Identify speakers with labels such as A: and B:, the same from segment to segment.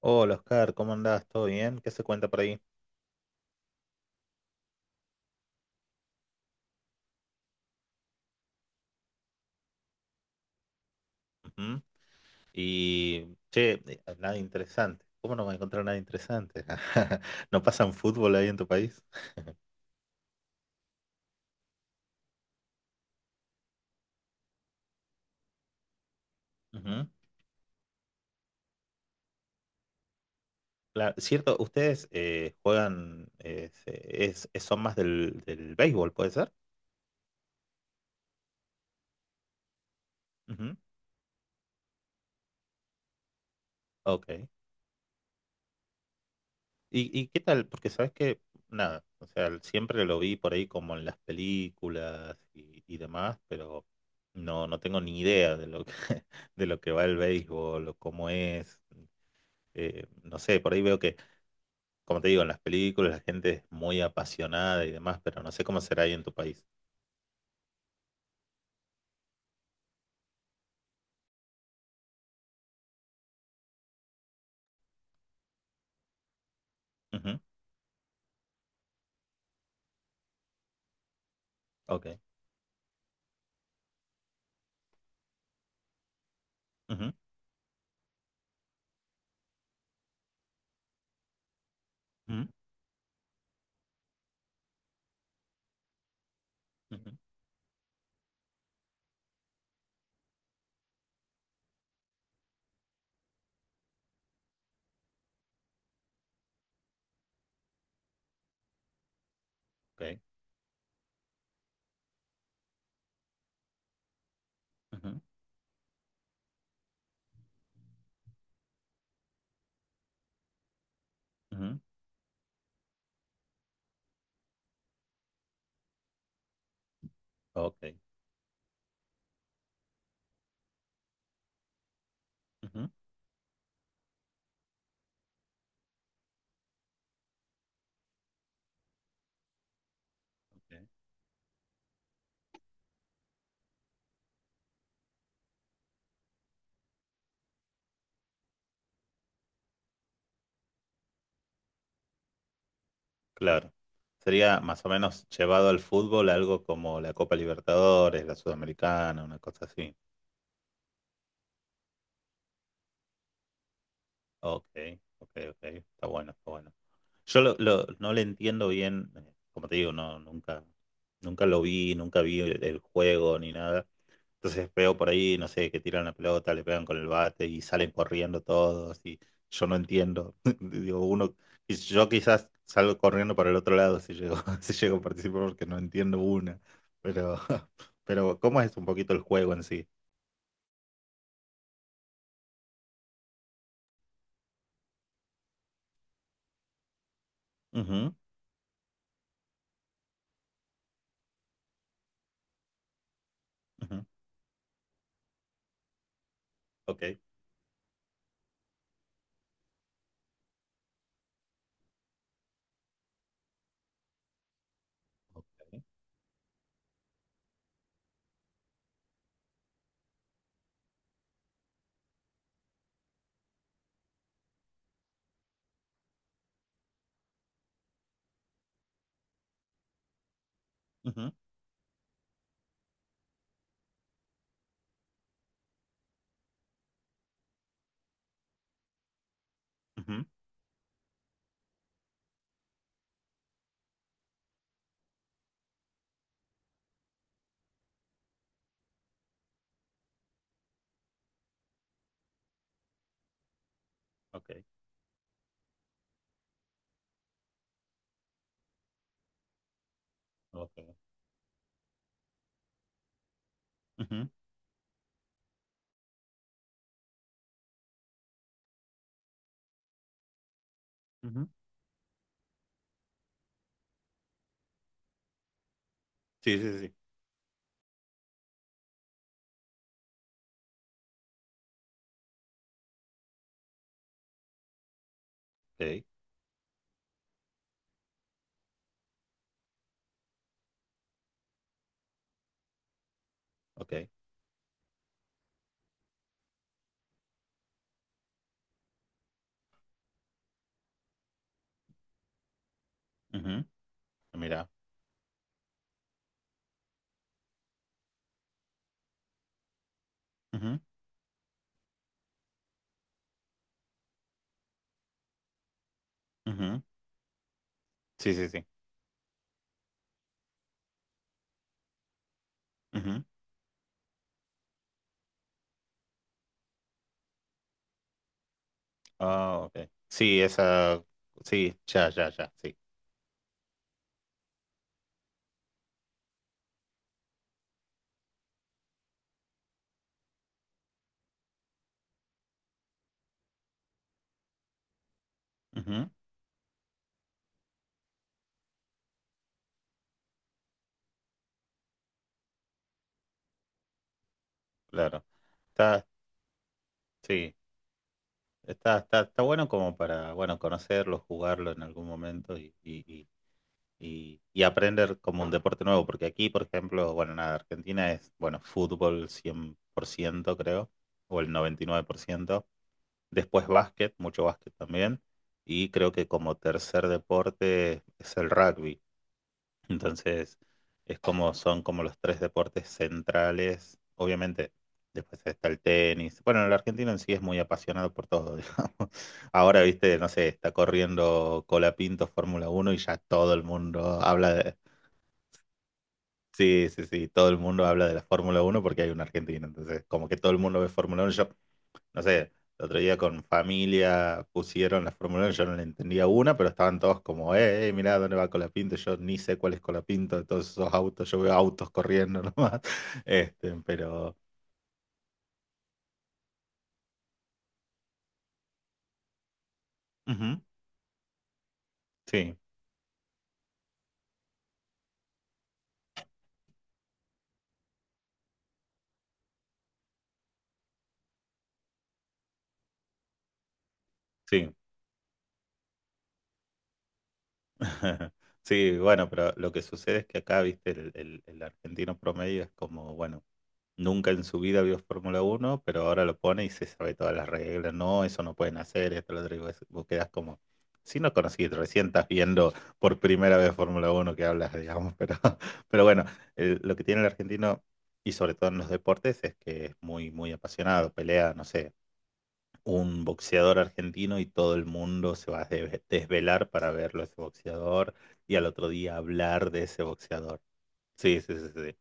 A: Hola Oscar, ¿cómo andás? ¿Todo bien? ¿Qué se cuenta por ahí? Ujú. Y, che, nada interesante. ¿Cómo no voy a encontrar nada interesante? ¿No pasan fútbol ahí en tu país? Ujú. Claro, cierto, ustedes juegan, son más del béisbol, ¿puede ser? Ujú. Ok. Y qué tal? Porque sabes que, nada, o sea, siempre lo vi por ahí como en las películas y demás, pero no tengo ni idea de lo que, de lo que va el béisbol o cómo es. No sé, por ahí veo que, como te digo, en las películas la gente es muy apasionada y demás, pero no sé cómo será ahí en tu país. Ujú. Ok. Ujú, ujú, ujú, ok, ujú, ujú, ok, ujú, ok. Claro. Sería más o menos llevado al fútbol algo como la Copa Libertadores, la Sudamericana, una cosa así. Ok, ok, ok. Está bueno, está bueno. Yo no le entiendo bien, como te digo, no, nunca lo vi, nunca vi el juego ni nada. Entonces veo por ahí, no sé, que tiran la pelota, le pegan con el bate y salen corriendo todos y yo no entiendo. Digo, uno, y yo quizás salgo corriendo para el otro lado si llego, si llego a participar porque no entiendo una. Pero, pero ¿cómo es un poquito el juego en sí? Ujú, ujú, ok, ok, ujú, ujú, ok, ok, ujú, ujú. Sí, sí, sí. Ok, ok. Ujú. Mira. Ujú, ujú. Sí, sí, sí. Ah, ok. Sí, esa, sí, ya, ya, ya, sí. Ujú, claro. Está, sí, está, está, está bueno como para, bueno, conocerlo, jugarlo en algún momento y aprender como un deporte nuevo, porque aquí, por ejemplo, bueno, nada, Argentina es, bueno, fútbol 100% creo, o el noventa y nueve por ciento. Después básquet, mucho básquet también. Y creo que como tercer deporte es el rugby. Entonces, es como son como los tres deportes centrales. Obviamente, después está el tenis. Bueno, el argentino en sí es muy apasionado por todo, digamos. Ahora, viste, no sé, está corriendo Colapinto Fórmula Uno y ya todo el mundo habla de... Sí, sí, sí, todo el mundo habla de la Fórmula Uno porque hay un argentino. Entonces, como que todo el mundo ve Fórmula Uno. Yo no sé, el otro día con familia pusieron la Fórmula 1, yo no le entendía una, pero estaban todos como, mirá dónde va Colapinto, yo ni sé cuál es Colapinto de todos esos autos, yo veo autos corriendo nomás. Este, pero, ujú, sí, sí. Sí, bueno, pero lo que sucede es que acá, viste, el argentino promedio es como, bueno, nunca en su vida vio Fórmula uno pero ahora lo pone y se sabe todas las reglas. No, eso no pueden hacer, esto lo otro. Y vos quedás como, si no conociste recién estás viendo por primera vez Fórmula uno que hablas, digamos. Pero, pero bueno, lo que tiene el argentino, y sobre todo en los deportes, es que es muy, muy apasionado. Pelea, no sé, un boxeador argentino y todo el mundo se va a desvelar para verlo a ese boxeador y al otro día hablar de ese boxeador. Sí, sí, sí, sí.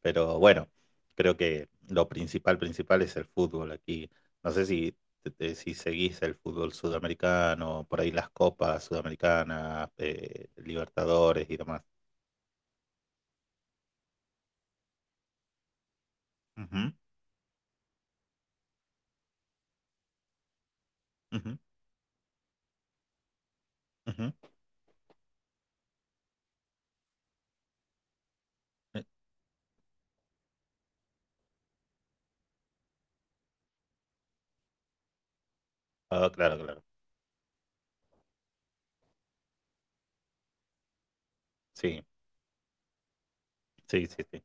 A: Pero bueno, creo que lo principal, principal es el fútbol aquí. No sé si, si seguís el fútbol sudamericano, por ahí las copas sudamericanas, Libertadores y demás. Ujú, ujú, ujú. Eh, Ah, claro, claro. Sí, sí, sí, sí,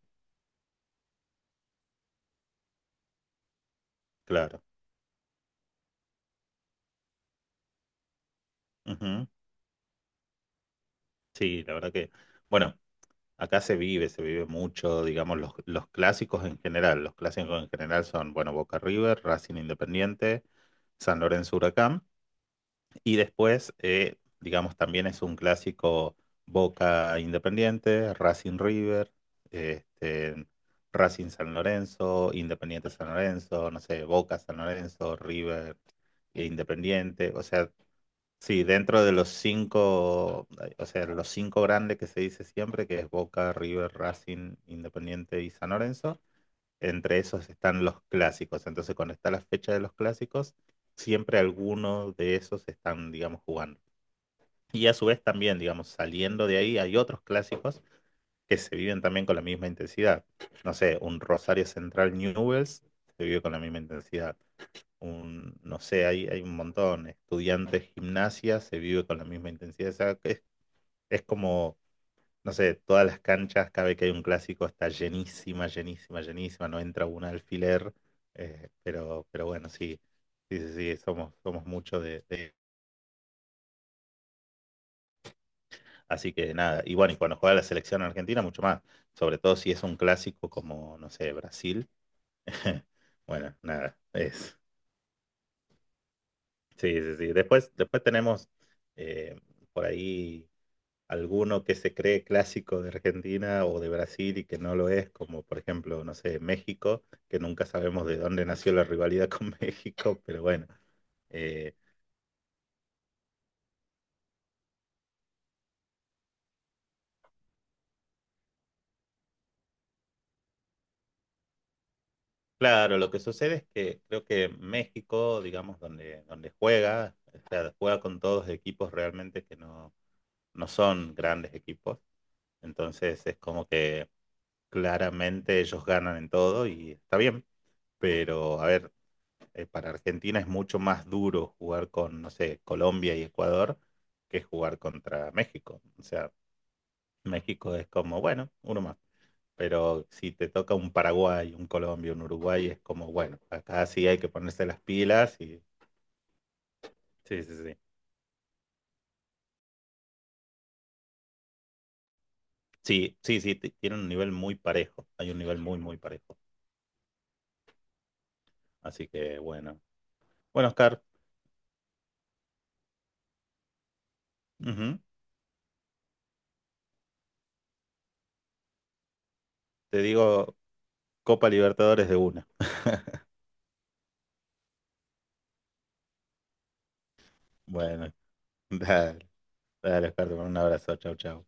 A: claro. Ujú. Sí, la verdad que, bueno, acá se vive mucho, digamos, los clásicos en general. Los clásicos en general son, bueno, Boca River, Racing Independiente, San Lorenzo Huracán. Y después, digamos, también es un clásico Boca Independiente, Racing River, este, Racing San Lorenzo, Independiente San Lorenzo, no sé, Boca San Lorenzo, River e Independiente. O sea, sí, dentro de los cinco, o sea, los cinco grandes que se dice siempre, que es Boca, River, Racing, Independiente y San Lorenzo, entre esos están los clásicos. Entonces, cuando está la fecha de los clásicos, siempre algunos de esos están, digamos, jugando. Y a su vez también, digamos, saliendo de ahí, hay otros clásicos que se viven también con la misma intensidad. No sé, un Rosario Central Newells se vive con la misma intensidad. Un, no sé, hay un montón. Estudiantes Gimnasia se vive con la misma intensidad. O sea, que es como, no sé, todas las canchas, cada vez que hay un clásico está llenísima, llenísima, llenísima. No entra un alfiler. Pero bueno, sí, sí, sí, sí, somos, somos mucho de, de. Así que nada, y bueno, y cuando juega la selección argentina, mucho más. Sobre todo si es un clásico como, no sé, Brasil. Bueno, nada, es. Sí, sí, sí. Después, después tenemos eh, por ahí alguno que se cree clásico de Argentina o de Brasil y que no lo es, como por ejemplo, no sé, México, que nunca sabemos de dónde nació la rivalidad con México, pero bueno. eh, claro, lo que sucede es que creo que México, digamos, donde, donde juega, o sea, juega con todos equipos realmente que no, no son grandes equipos. Entonces es como que claramente ellos ganan en todo y está bien. Pero, a ver, para Argentina es mucho más duro jugar con, no sé, Colombia y Ecuador que jugar contra México. O sea, México es como, bueno, uno más pero si te toca un Paraguay, un Colombia, un Uruguay, es como, bueno, acá sí hay que ponerse las pilas y sí, sí, sí. Sí, sí, sí, tiene un nivel muy parejo, hay un nivel muy, muy parejo. Así que bueno. Bueno, Oscar, ujú, te digo Copa Libertadores de una. Bueno, dale, dale, Oscar, te mando un abrazo, chau, chau.